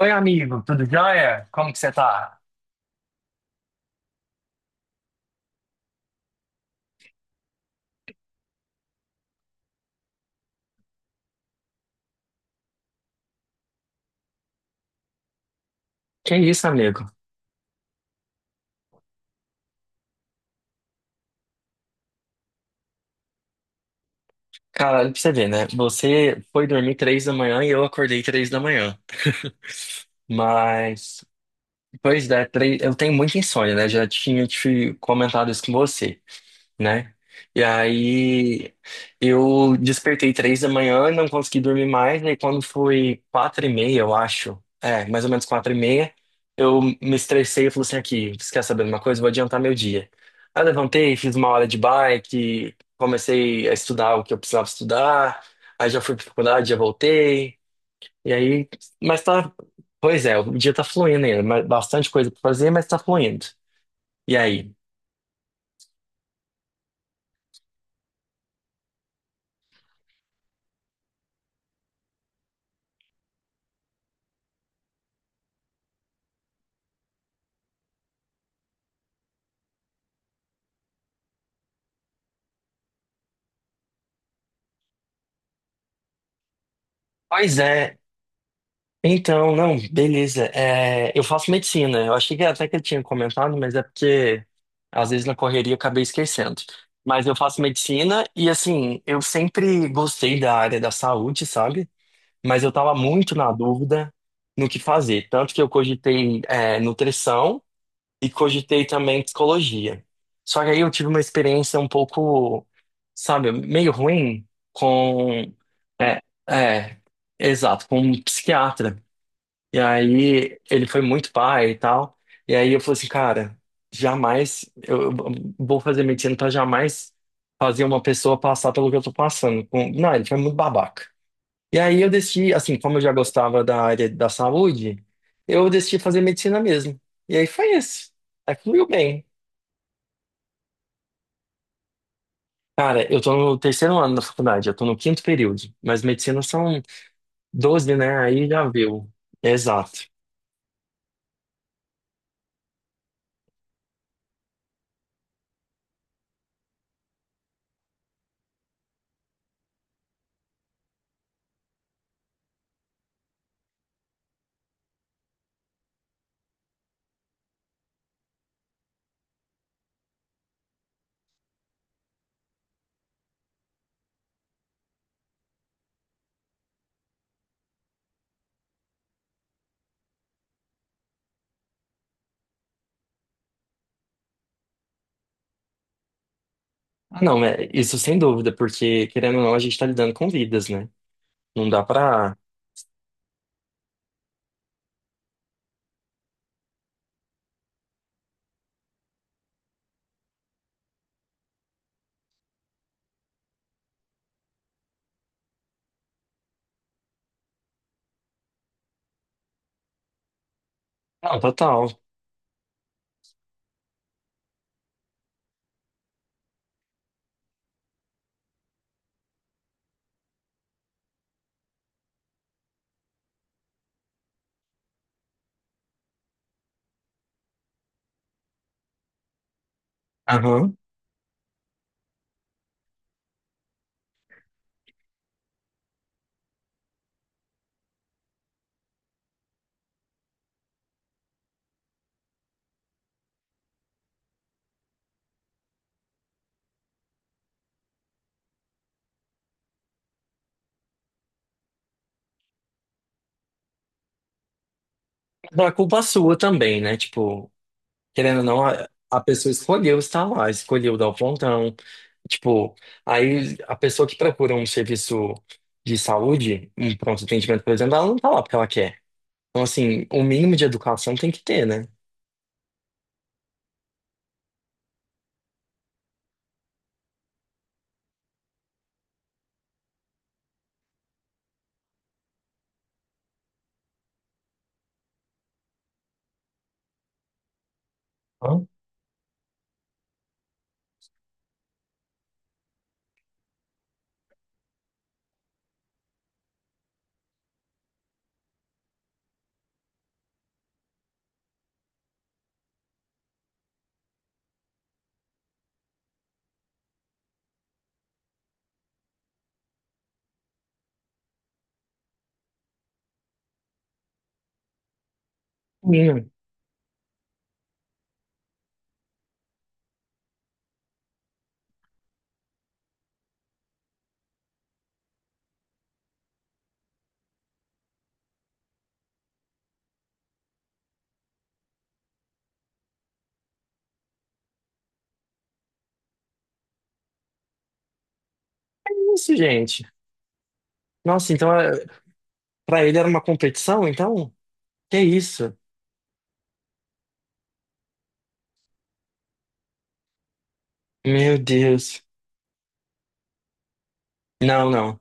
Oi, amigo, tudo jóia? Como que você tá? Que isso, amigo? Caralho, pra você ver, né? Você foi dormir 3 da manhã e eu acordei 3 da manhã. Mas, pois é, eu tenho muita insônia, né? Já tinha te comentado isso com você, né? E aí eu despertei 3 da manhã, não consegui dormir mais, e aí quando foi 4h30, eu acho, mais ou menos 4h30, eu me estressei e falei assim, aqui, você quer saber de uma coisa? Vou adiantar meu dia. Aí eu levantei, fiz 1 hora de bike, comecei a estudar o que eu precisava estudar, aí já fui pra faculdade, já voltei, e aí, mas tá, pois é, o dia tá fluindo ainda, mas bastante coisa pra fazer, mas tá fluindo. E aí? Pois é, então, não, beleza. É, eu faço medicina. Eu achei que até que eu tinha comentado, mas é porque às vezes na correria eu acabei esquecendo. Mas eu faço medicina e assim, eu sempre gostei da área da saúde, sabe? Mas eu tava muito na dúvida no que fazer. Tanto que eu cogitei nutrição e cogitei também psicologia. Só que aí eu tive uma experiência um pouco, sabe, meio ruim com. É, é, exato, com um psiquiatra. E aí ele foi muito pai e tal. E aí eu falei assim, cara, jamais eu vou fazer medicina pra jamais fazer uma pessoa passar pelo que eu tô passando. Não, ele foi muito babaca. E aí eu decidi, assim, como eu já gostava da área da saúde, eu decidi fazer medicina mesmo. E aí foi isso. Aí fluiu bem. Cara, eu tô no terceiro ano da faculdade, eu tô no quinto período, mas medicina são 12, né? Aí já viu. Exato. Ah, não, é, isso sem dúvida, porque querendo ou não, a gente tá lidando com vidas, né? Não dá pra. Não, total. Aham. Não é culpa sua também, né? Tipo, querendo ou não, a pessoa escolheu estar lá, escolheu dar o plantão. Tipo, aí a pessoa que procura um serviço de saúde, um pronto atendimento, por exemplo, ela não tá lá porque ela quer. Então, assim, o mínimo de educação tem que ter, né? Hã? Mínimo. Isso, gente. Nossa, pra ele era uma competição, então? Que isso? Meu Deus. Não, não.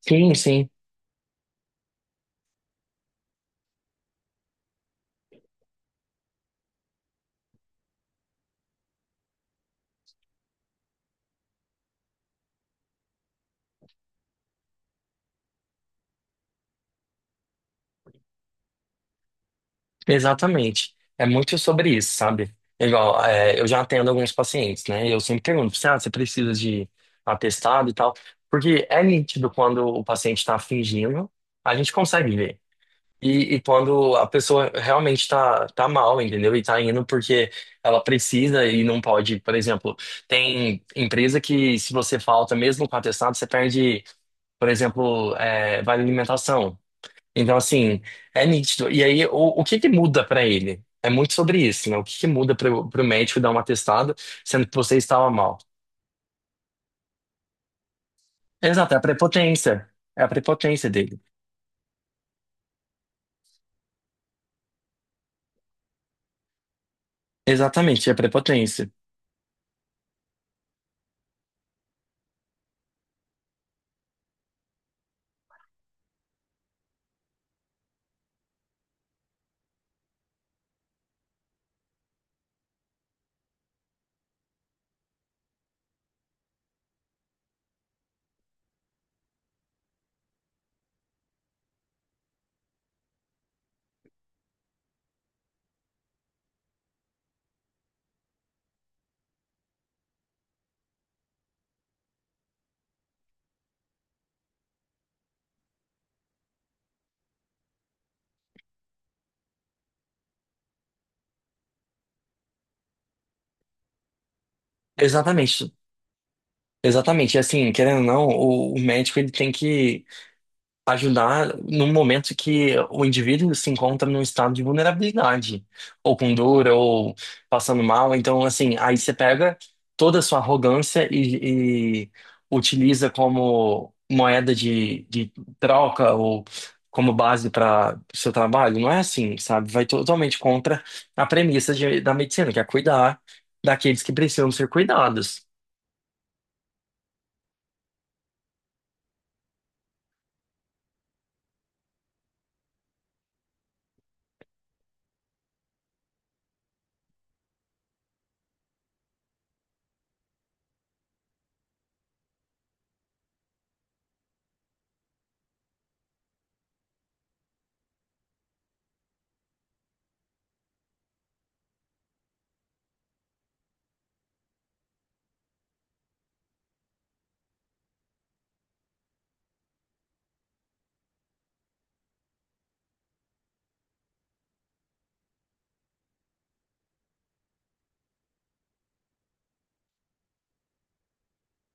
Sim, sim, exatamente. É muito sobre isso, sabe? É igual, é, eu já atendo alguns pacientes, né? E eu sempre pergunto, assim, ah, você precisa de atestado e tal? Porque é nítido quando o paciente está fingindo, a gente consegue ver. E quando a pessoa realmente tá mal, entendeu? E tá indo porque ela precisa e não pode. Por exemplo, tem empresa que se você falta mesmo com atestado, você perde, por exemplo, vale alimentação. Então, assim, é nítido. E aí, o que que muda pra ele? É muito sobre isso, né? O que que muda pro médico dar um atestado, sendo que você estava mal? Exato, é a prepotência. É a prepotência dele. Exatamente, é a prepotência. Exatamente. Exatamente. E assim, querendo ou não, o médico ele tem que ajudar no momento que o indivíduo se encontra num estado de vulnerabilidade, ou com dor, ou passando mal. Então, assim, aí você pega toda a sua arrogância e utiliza como moeda de troca ou como base para o seu trabalho. Não é assim, sabe? Vai totalmente contra a premissa da medicina, que é cuidar daqueles que precisam ser cuidados.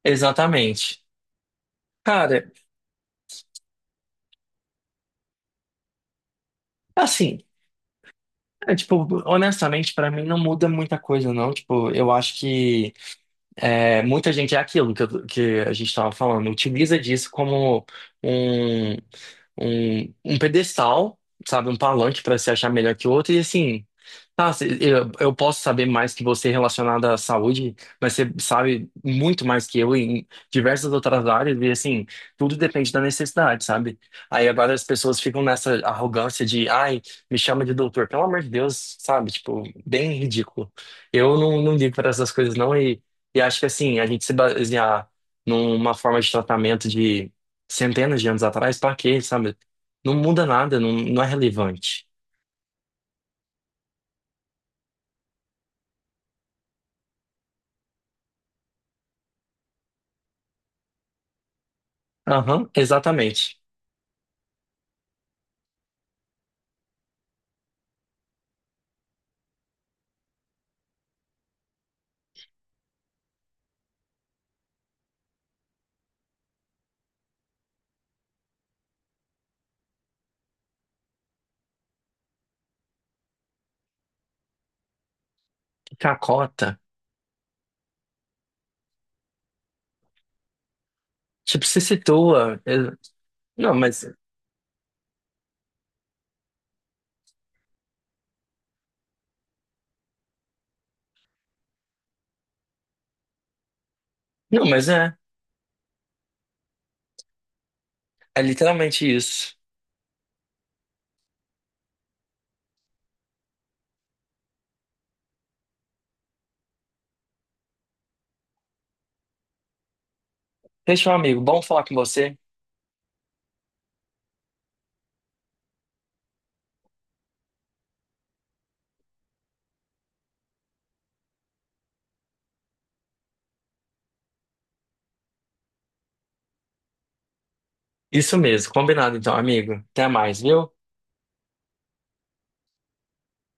Exatamente. Cara, assim. É, tipo, honestamente, pra mim não muda muita coisa, não. Tipo, eu acho que. É, muita gente é aquilo que a gente estava falando, utiliza disso como um, um pedestal, sabe? Um palanque para se achar melhor que o outro, e assim, eu posso saber mais que você relacionado à saúde, mas você sabe muito mais que eu em diversas outras áreas, e assim, tudo depende da necessidade, sabe? Aí agora as pessoas ficam nessa arrogância de, ai, me chama de doutor, pelo amor de Deus, sabe? Tipo, bem ridículo. Eu não ligo para essas coisas, não, e acho que assim, a gente se basear numa forma de tratamento de centenas de anos atrás, pra quê, sabe? Não muda nada, não, não é relevante. Aham, exatamente. Cacota. Tipo, se situa. Não, mas. Não, mas é. É literalmente isso. Deixa, meu amigo, bom falar com você. Isso mesmo, combinado então, amigo. Até mais, viu?